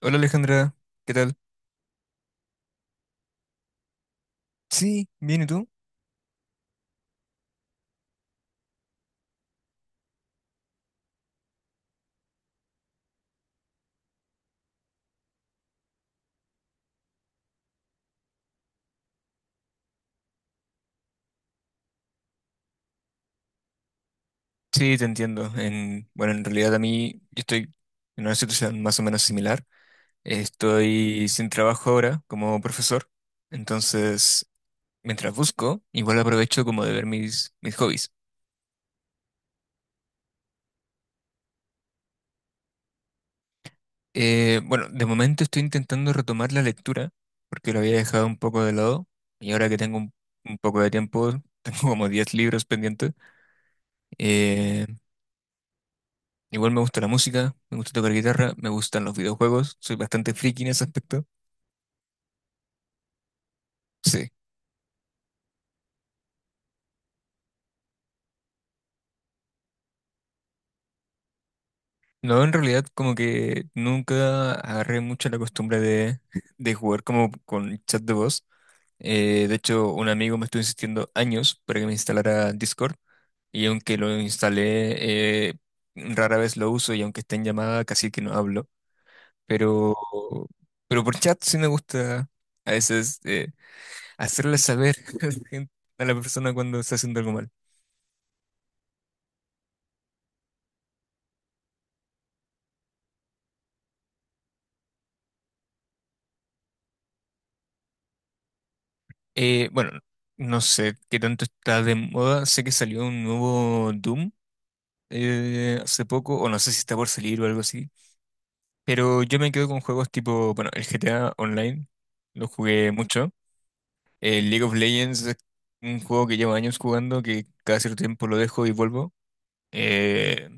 Hola Alejandra, ¿qué tal? Sí, bien, ¿y tú? Sí, te entiendo. En, bueno, en realidad a mí yo estoy en una situación más o menos similar. Estoy sin trabajo ahora como profesor, entonces mientras busco, igual aprovecho como de ver mis hobbies. Bueno, de momento estoy intentando retomar la lectura porque lo había dejado un poco de lado y ahora que tengo un poco de tiempo, tengo como 10 libros pendientes. eh, Igual me gusta la música, me gusta tocar guitarra, me gustan los videojuegos, soy bastante friki en ese aspecto. Sí. No, en realidad como que nunca agarré mucho la costumbre de jugar como con chat de voz. De hecho, un amigo me estuvo insistiendo años para que me instalara Discord y aunque lo instalé, rara vez lo uso y aunque esté en llamada casi que no hablo. Pero, pero por chat sí me gusta a veces hacerle saber a la persona cuando está haciendo algo mal. Bueno, no sé qué tanto está de moda. Sé que salió un nuevo Doom hace poco, o no sé si está por salir o algo así. Pero yo me quedo con juegos tipo, bueno, el GTA Online, lo jugué mucho. El League of Legends es un juego que llevo años jugando, que cada cierto tiempo lo dejo y vuelvo. Eh,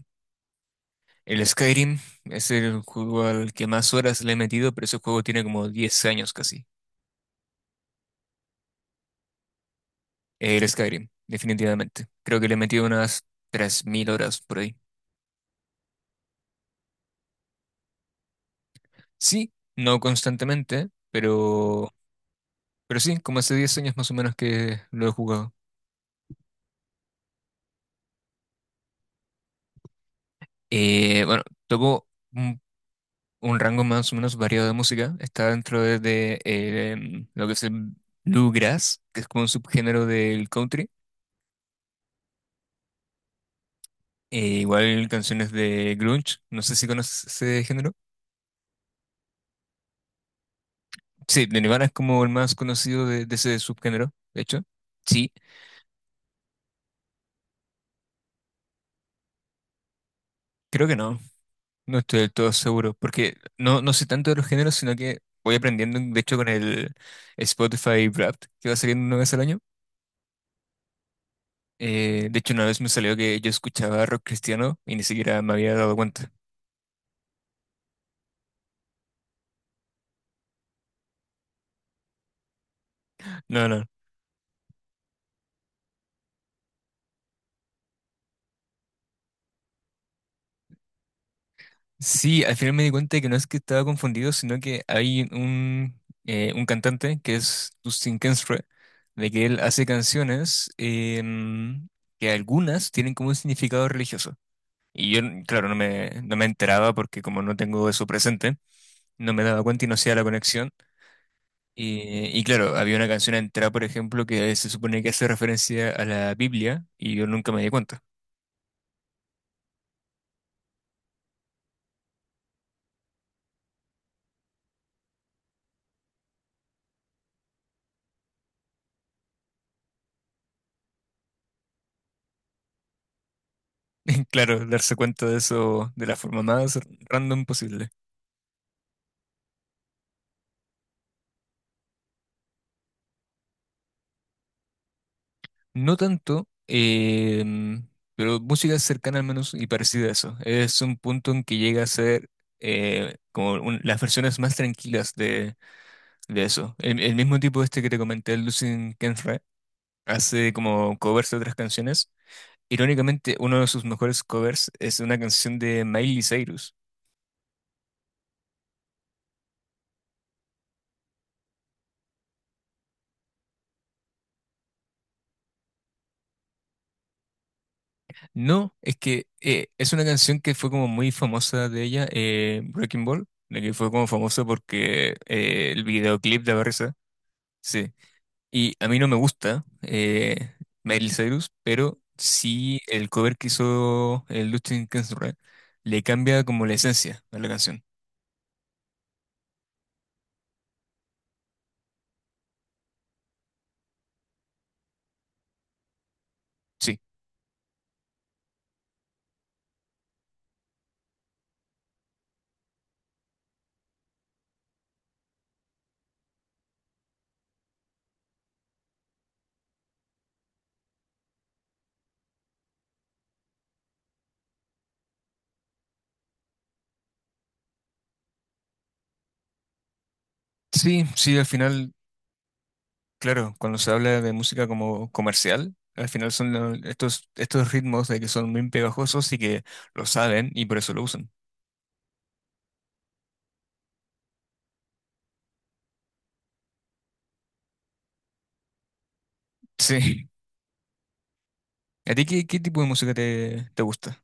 el Skyrim es el juego al que más horas le he metido, pero ese juego tiene como 10 años casi. El Skyrim, definitivamente. Creo que le he metido unas 3.000 horas por ahí. Sí, no constantemente, pero sí, como hace 10 años más o menos que lo he jugado. Bueno, toco un, un rango más o menos variado de música. Está dentro de lo que es el bluegrass, que es como un subgénero del country. Igual canciones de grunge, no sé si conoces ese género. Sí, de Nirvana es como el más conocido de ese subgénero, de hecho. Sí, creo que no. No estoy del todo seguro, porque no sé tanto de los géneros, sino que voy aprendiendo, de hecho, con el Spotify Wrapped, que va saliendo una vez al año. De hecho, una vez me salió que yo escuchaba rock cristiano y ni siquiera me había dado cuenta. No, no. Sí, al final me di cuenta de que no es que estaba confundido, sino que hay un cantante que es Dustin Kensrue, de que él hace canciones que algunas tienen como un significado religioso. Y yo, claro, no me enteraba porque como no tengo eso presente. No me daba cuenta y no hacía la conexión. Y claro, había una canción entera, por ejemplo, que se supone que hace referencia a la Biblia y yo nunca me di cuenta. Claro, darse cuenta de eso de la forma más random posible. No tanto, pero música cercana al menos y parecida a eso. Es un punto en que llega a ser como un- las versiones más tranquilas de eso. El mismo tipo este que te comenté, Lucien Kenfra, hace como covers de otras canciones. Irónicamente, uno de sus mejores covers es una canción de Miley Cyrus. No, es que es una canción que fue como muy famosa de ella, Breaking Ball, de que fue como famosa porque el videoclip de Barça, sí. Y a mí no me gusta Miley Cyrus, pero sí el cover que hizo el Justin Quincemara le cambia como la esencia a la canción. Sí, sí, al final claro, cuando se habla de música como comercial, al final son lo- estos ritmos de que son muy pegajosos y que lo saben y por eso lo usan. Sí. ¿A ti qué tipo de música te gusta?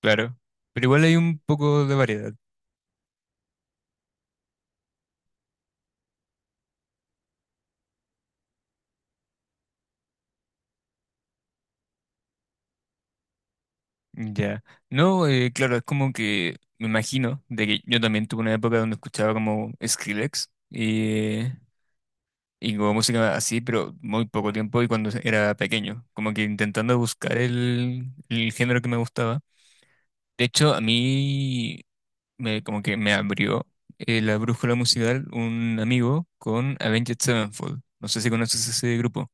Claro. Pero igual hay un poco de variedad. Ya. No, claro, es como que me imagino de que yo también tuve una época donde escuchaba como Skrillex y como música así, pero muy poco tiempo y cuando era pequeño, como que intentando buscar el género que me gustaba. De hecho, a mí me, como que me abrió la brújula musical un amigo con Avenged Sevenfold. No sé si conoces ese grupo.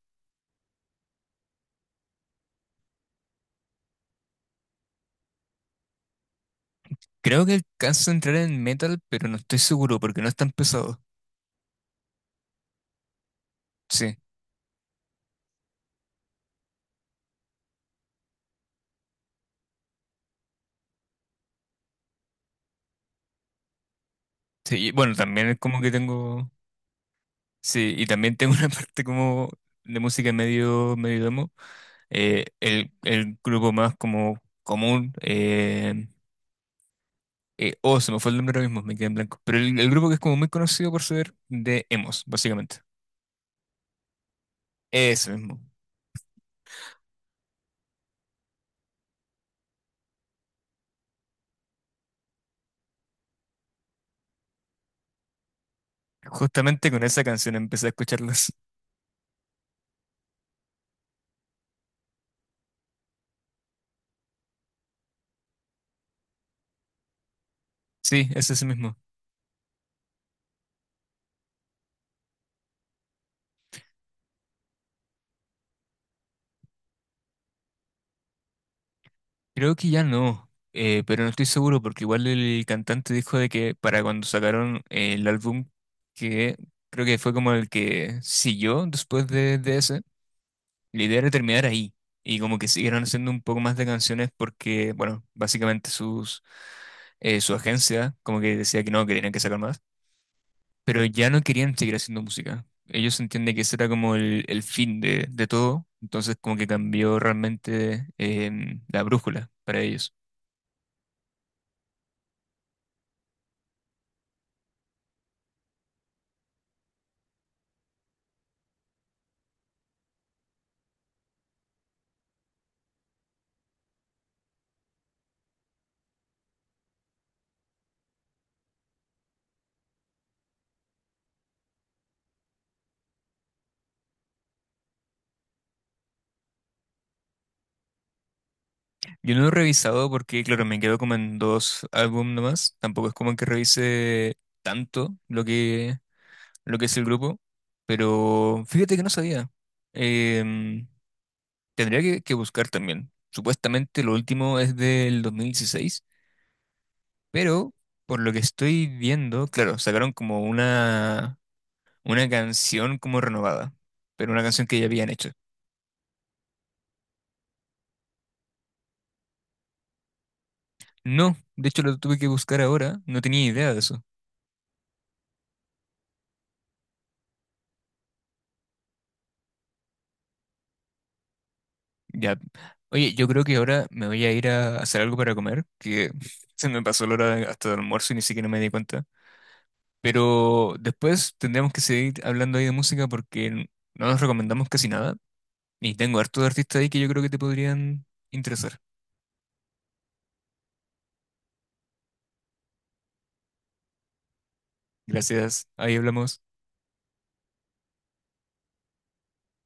Creo que alcanza a entrar en metal, pero no estoy seguro porque no es tan pesado. Sí, sí. Y bueno, también es como que tengo... Sí, y también tengo una parte como de música medio emo. El grupo más como común... oh, se me fue el nombre ahora mismo, me quedé en blanco. Pero el grupo que es como muy conocido por ser de emos, básicamente. Eso mismo. Justamente con esa canción empecé a escucharlas. Sí, es ese mismo. Creo que ya no, pero no estoy seguro porque igual el cantante dijo de que para cuando sacaron el álbum que creo que fue como el que siguió después de ese, la idea era terminar ahí. Y como que siguieron haciendo un poco más de canciones porque, bueno, básicamente su agencia como que decía que no, que tenían que sacar más. Pero ya no querían seguir haciendo música. Ellos entienden que ese era como el fin de todo, entonces como que cambió realmente la brújula para ellos. Yo no lo he revisado porque, claro, me quedo como en dos álbumes nomás, tampoco es como que revise tanto lo que es el grupo, pero fíjate que no sabía. Em, tendría que buscar también. Supuestamente lo último es del 2016, pero... Por lo que estoy viendo, claro, sacaron como una canción como renovada, pero una canción que ya habían hecho. No, de hecho lo tuve que buscar ahora, no tenía idea de eso. Ya. Oye, yo creo que ahora me voy a ir a hacer algo para comer, que se me pasó la hora de- hasta el almuerzo y ni siquiera me di cuenta. Pero después tendremos que seguir hablando ahí de música porque n- no nos recomendamos casi nada. Y tengo harto de artistas ahí que yo creo que te podrían interesar. Gracias, ahí hablamos.